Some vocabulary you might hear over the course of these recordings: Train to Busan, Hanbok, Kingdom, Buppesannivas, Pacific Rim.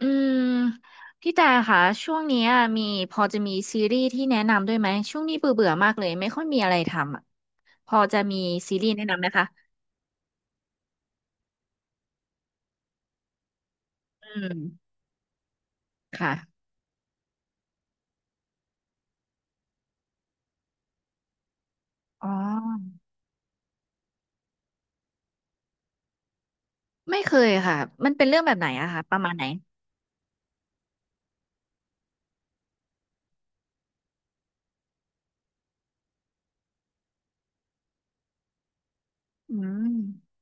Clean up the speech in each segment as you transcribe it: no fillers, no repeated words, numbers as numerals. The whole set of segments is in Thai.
อืมพี่แต่ค่ะช่วงเนี้ยมีพอจะมีซีรีส์ที่แนะนำด้วยไหมช่วงนี้เบื่อเบื่อมากเลยไม่ค่อยมีอะไรทำอ่ะพอจะมีซีรีส์แนะนำไหมคะอืมค่ะอ๋อไม่เคยค่ะมันเป็นเรื่องแบบไหนอะคะประมาณไหนอืม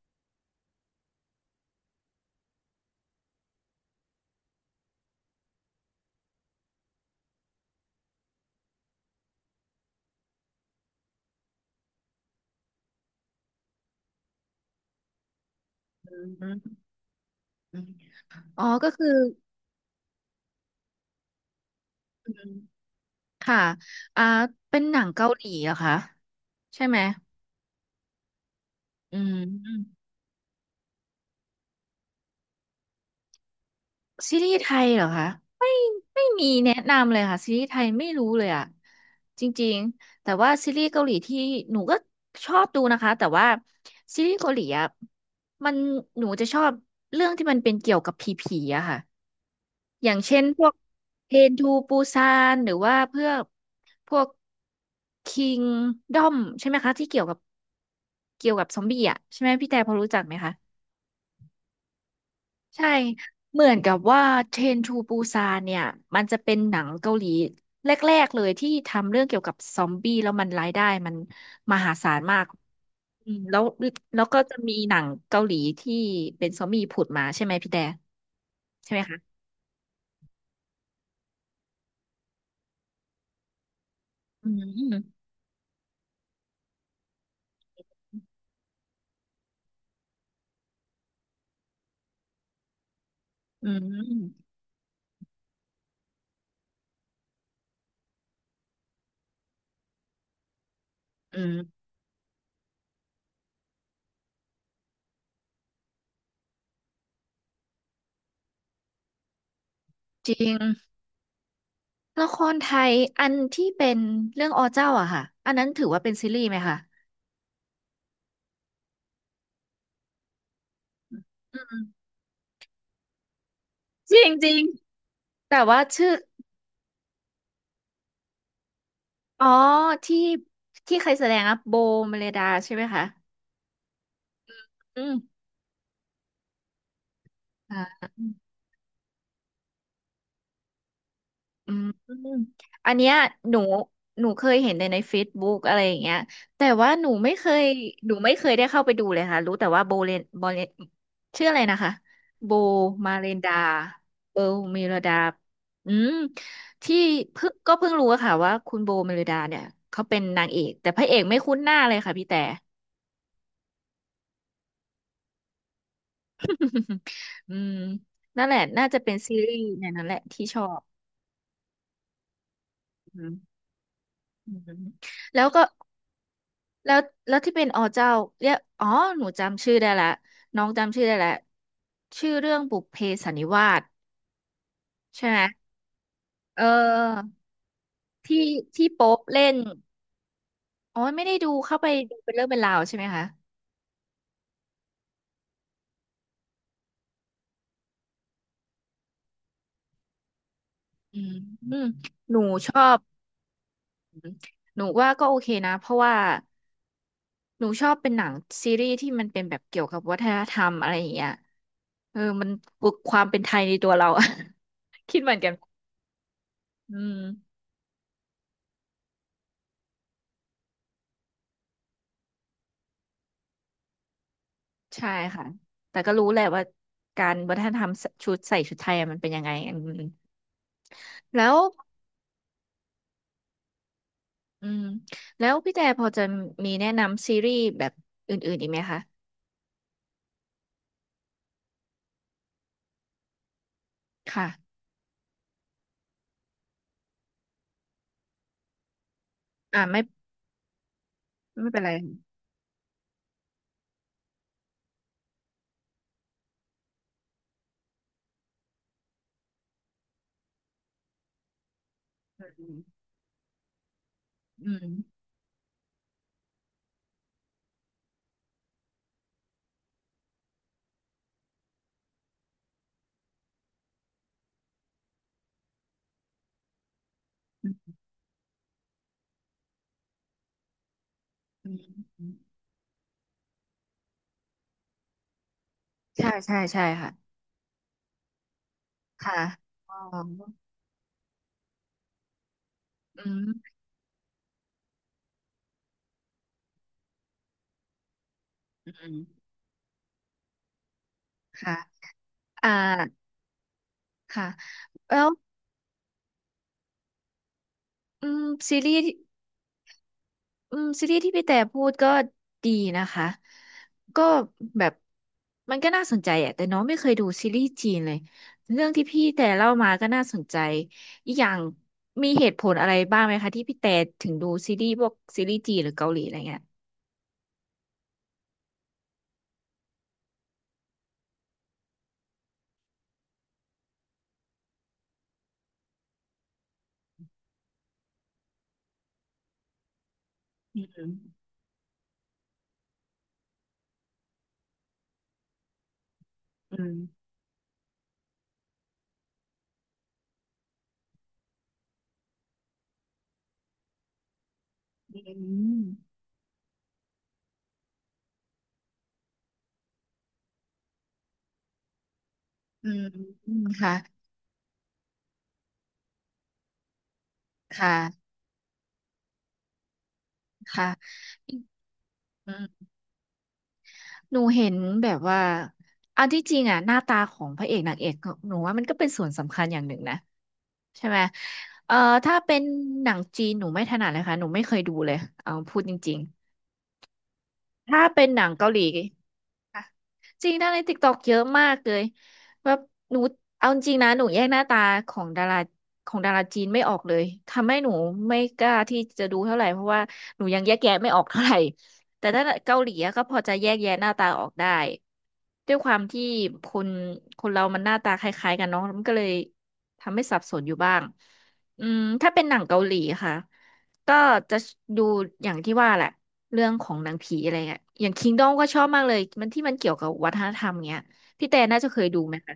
อืมอมอ๋อก็คืออืมค่ะอ่าเป็นหนังเกาหลีเหรอคะใช่ไหมอืม ซีรีส์ไทยเหรอคะไม่ไม่มีแนะนำเลยค่ะซีรีส์ไทยไม่รู้เลยอ่ะจริงๆแต่ว่าซีรีส์เกาหลีที่หนูก็ชอบดูนะคะแต่ว่าซีรีส์เกาหลีอะมันหนูจะชอบเรื่องที่มันเป็นเกี่ยวกับผีๆอะค่ะอย่างเช่นพวกเทรนทูปูซานหรือว่าเพื่อพวกคิงดอมใช่ไหมคะที่เกี่ยวกับซอมบี้อะใช่ไหมพี่แต่พอรู้จักไหมคะ ใช่เหมือนกับว่าเทรนทูปูซานเนี่ยมันจะเป็นหนังเกาหลีแรกๆเลยที่ทำเรื่องเกี่ยวกับซอมบี้แล้วมันรายได้มันมหาศาลมากอืมแล้วก็จะมีหนังเกาหลีที่เป็นซอมบี้ผุดมาใช่ไหมพี่แต่ใช่ไหมคะอืมอืมอืมจริงละครไทยอันที่เป็นเรื่องอเจ้าอะค่ะอันนั้นถือว่าเป็นซีรีส์ไหมคะอืมจริงจริงแต่ว่าชื่อ อ๋อที่ที่เคยแสดงอะโบเมเลดาใช่ไหมคะอืมอ่าอืมอืมอันเนี้ยหนูหนูเคยเห็นแต่ใน Facebook อะไรอย่างเงี้ยแต่ว่าหนูไม่เคยหนูไม่เคยได้เข้าไปดูเลยค่ะรู้แต่ว่าโบเลนโบเลนชื่ออะไรนะคะโบมาเรนดาโบเมเลดาอืมที่เพิ่งก็เพิ่งรู้อะค่ะว่าคุณโบเมเลดาเนี่ยเขาเป็นนางเอกแต่พระเอกไม่คุ้นหน้าเลยค่ะพี่แต่ อืมนั่นแหละน่าจะเป็นซีรีส์ในนั้นแหละที่ชอบอืมอืมแล้วก็แล้วแล้วที่เป็นอ๋อเจ้าเรียกอ๋อหนูจำชื่อได้ละน้องจำชื่อได้ละชื่อเรื่องบุพเพสันนิวาสใช่ไหมเออที่ที่โป๊ปเล่นอ๋อไม่ได้ดูเข้าไปดูเป็นเรื่องเป็นราวใช่ไหมคะอืมอืมหนูชอบหนูว่าก็โอเคนะเพราะว่าหนูชอบเป็นหนังซีรีส์ที่มันเป็นแบบเกี่ยวกับวัฒนธรรมอะไรอย่างเงี้ย เออมันปลุกความเป็นไทยในตัวเราอะ คิดเหมือนกันอืมใช่ค่ะแต่ก็รู้แหละว่าการวัฒนธรรมชุดใส่ชุดไทยอะมันเป็นยังไงอืมแล้วอืมแล้วพี่แต่พอจะมีแนะนำซีรีส์แบบอื่นๆอีกไหมคะค่ะอ่าไม่เป็นไรอืมอืมอืมอืมใช่ใช่ใช่ค่ะค่ะอ๋ออืมอืมค่ะอ่าค่ะแล้วอืมซีรีส์ อืมซีรีส์ที่พี่แต่พูดก็ดีนะคะก็แบบมันก็น่าสนใจอะแต่น้องไม่เคยดูซีรีส์จีนเลยเรื่องที่พี่แต่เล่ามาก็น่าสนใจอีกอย่างมีเหตุผลอะไรบ้างไหมคะที่พี่แต่ถึงดูซีรีส์พวกซีรีส์จีนหรือเกาหลีอะไรเงี้ยอืมอืมอืมอืมอืมค่ะค่ะค่ะอืมหนูเห็นแบบว่าอันที่จริงอะหน้าตาของพระเอกนางเอกหนูว่ามันก็เป็นส่วนสำคัญอย่างหนึ่งนะ ใช่ไหมเอ่อถ้าเป็นหนังจีน หนูไม่ถนัดเลยค่ะ หนูไม่เคยดูเลยเอาพูดจริงๆถ้าเป็นหนังเกาหลี ค่ะจริงดาราในติ๊กต็อกเยอะมากเลยแบบหนูเอาจริงนะหนูแยกหน้าตาของดาราของดาราจีนไม่ออกเลยทำให้หนูไม่กล้าที่จะดูเท่าไหร่เพราะว่าหนูยังแยกแยะไม่ออกเท่าไหร่แต่ถ้าเกาหลีอะก็พอจะแยกแยะหน้าตาออกได้ด้วยความที่คนคนเรามันหน้าตาคล้ายๆกันเนาะมันก็เลยทำให้สับสนอยู่บ้างอืมถ้าเป็นหนังเกาหลีค่ะ ก็จะดูอย่างที่ว่าแหละเรื่องของหนังผีอะไรเงี้ยอย่างคิงดอมก็ชอบมากเลยมันที่มันเกี่ยวกับวัฒนธรรมเงี้ยพี่แต่น่าจะเคยดูไหมคะ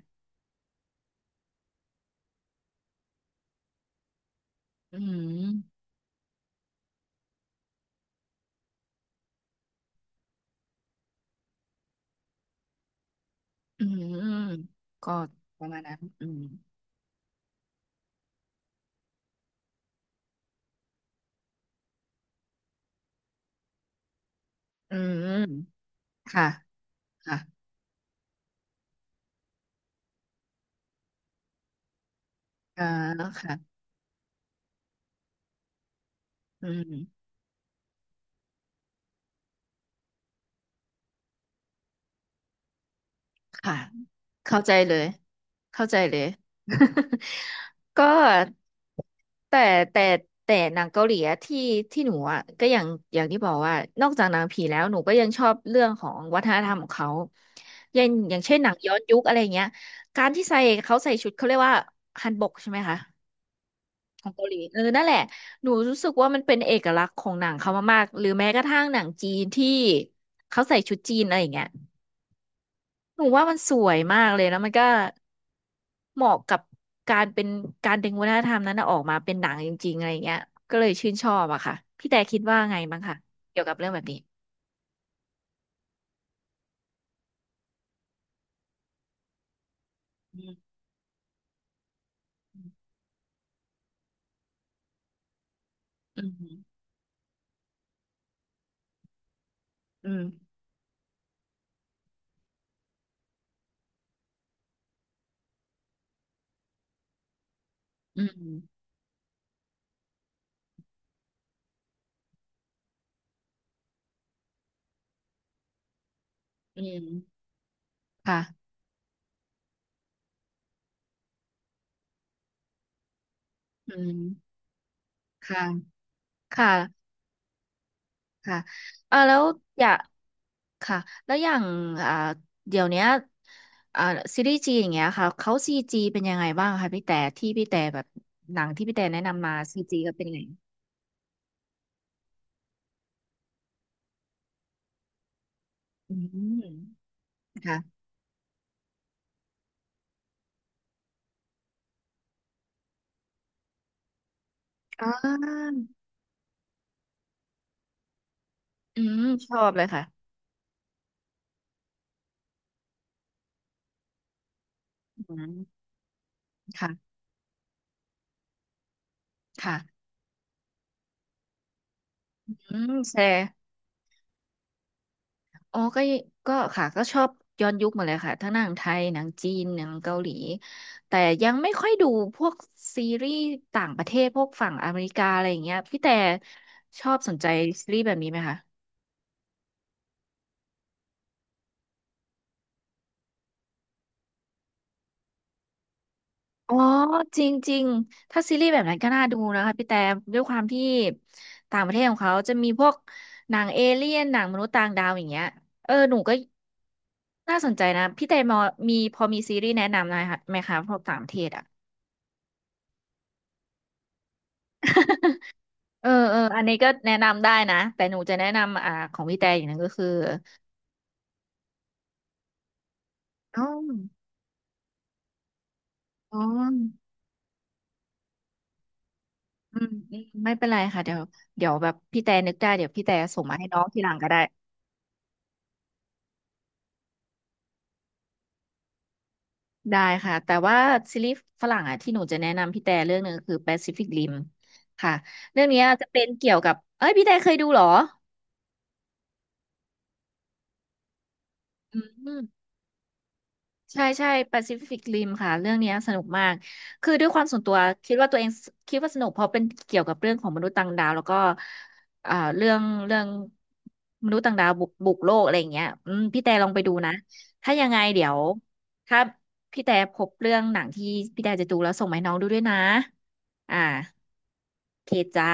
อืมอืมก็ประมาณนั้นอืมอืมค่ะค่ะอ่าค่ะอืม ค่ะเข้าใจเลยเข้าใจเลย ก็แต่แต่แต่หนังเกาหลีอะที่หนูอ่ะก็อย่างที่บอกว่านอกจากหนังผีแล้วหนูก็ยังชอบเรื่องของวัฒนธรรมของเขาอย่างเช่นหนังย้อนยุคอะไรเงี้ยการที่ใส่เขาใส่ชุดเขาเรียกว่าฮันบกใช่ไหมคะของเกาหลีเออนั่นแหละหนูรู้สึกว่ามันเป็นเอกลักษณ์ของหนังเขามากๆหรือแม้กระทั่งหนังจีนที่เขาใส่ชุดจีนอะไรอย่างเงี้ย หนูว่ามันสวยมากเลยแล้วมันก็เหมาะกับการเป็นการดึงวัฒนธรรมนั้นน่ะออกมาเป็นหนังจริงๆอะไรเงี้ยก็เลยชื่นชอบอะค่ะพี่แต่คิดว่าไงบ้างคะเกี่ยวกับเรื่องแบบนี้อืมอืมอืมอืมค่ะอืมค่ะค่ะค่ะอ่าแล้วอยากค่ะแล้วอย่างอ่าเดี๋ยวเนี้ยอ่าซีรีส์จีนอย่างเงี้ยค่ะเขาซีจีเป็นยังไงบ้างคะพี่แต่ที่พี่แต่แบบหนังที่พี่แต่แนะนำมาซีจีก็เป็นยังไงอืม ค่ะอ่าอืม ชอบเลยค่ะอืมค่ะค่ะอืมแชร์อ๋อก็ยก็ค่ะก็ชอบย้อนยุคหมาเลยค่ะทั้งหนังไทยหนังจีนหนังเกาหลีแต่ยังไม่ค่อยดูพวกซีรีส์ต่างประเทศพวกฝั่งอเมริกาอะไรอย่างเงี้ยพี่แต่ชอบสนใจซีรีส์แบบนี้ไหมคะอ๋อจริงจริงถ้าซีรีส์แบบนั้นก็น่าดูนะคะพี่แต่ด้วยความที่ต่างประเทศของเขาจะมีพวกหนังเอเลี่ยนหนังมนุษย์ต่างดาวอย่างเงี้ยเออหนูก็ น่าสนใจนะพี่เตมอมีพอมีซีรีส์แนะนำหน่อยค่ะไหมคะพวกต่างประเทศอ่ะ เออเอออันนี้ก็แนะนำได้นะแต่หนูจะแนะนำของพี่แต่อย่างหนึงก็คืออ๋ออ๋ออืมอืมไม่เป็นไรค่ะเดี๋ยวเดี๋ยวแบบพี่แต่นึกได้เดี๋ยวพี่แต่ส่งมาให้น้องทีหลังก็ได้ได้ค่ะแต่ว่าซีรีส์ฝรั่งอ่ะที่หนูจะแนะนำพี่แต่เรื่องหนึ่งคือ Pacific Rim ค่ะเรื่องเนี้ยจะเป็นเกี่ยวกับเอ้ยพี่แต่เคยดูเหรออืม ใช่ใช่แปซิฟิกริมค่ะเรื่องเนี้ยสนุกมากคือด้วยความส่วนตัวคิดว่าสนุกเพราะเป็นเกี่ยวกับเรื่องของมนุษย์ต่างดาวแล้วก็เรื่องมนุษย์ต่างดาวบุกโลกอะไรอย่างเงี้ยอืมพี่แต่ลองไปดูนะถ้ายังไงเดี๋ยวถ้าพี่แต่พบเรื่องหนังที่พี่แต่จะดูแล้วส่งมาให้น้องดูด้วยนะอ่าโอเคจ้า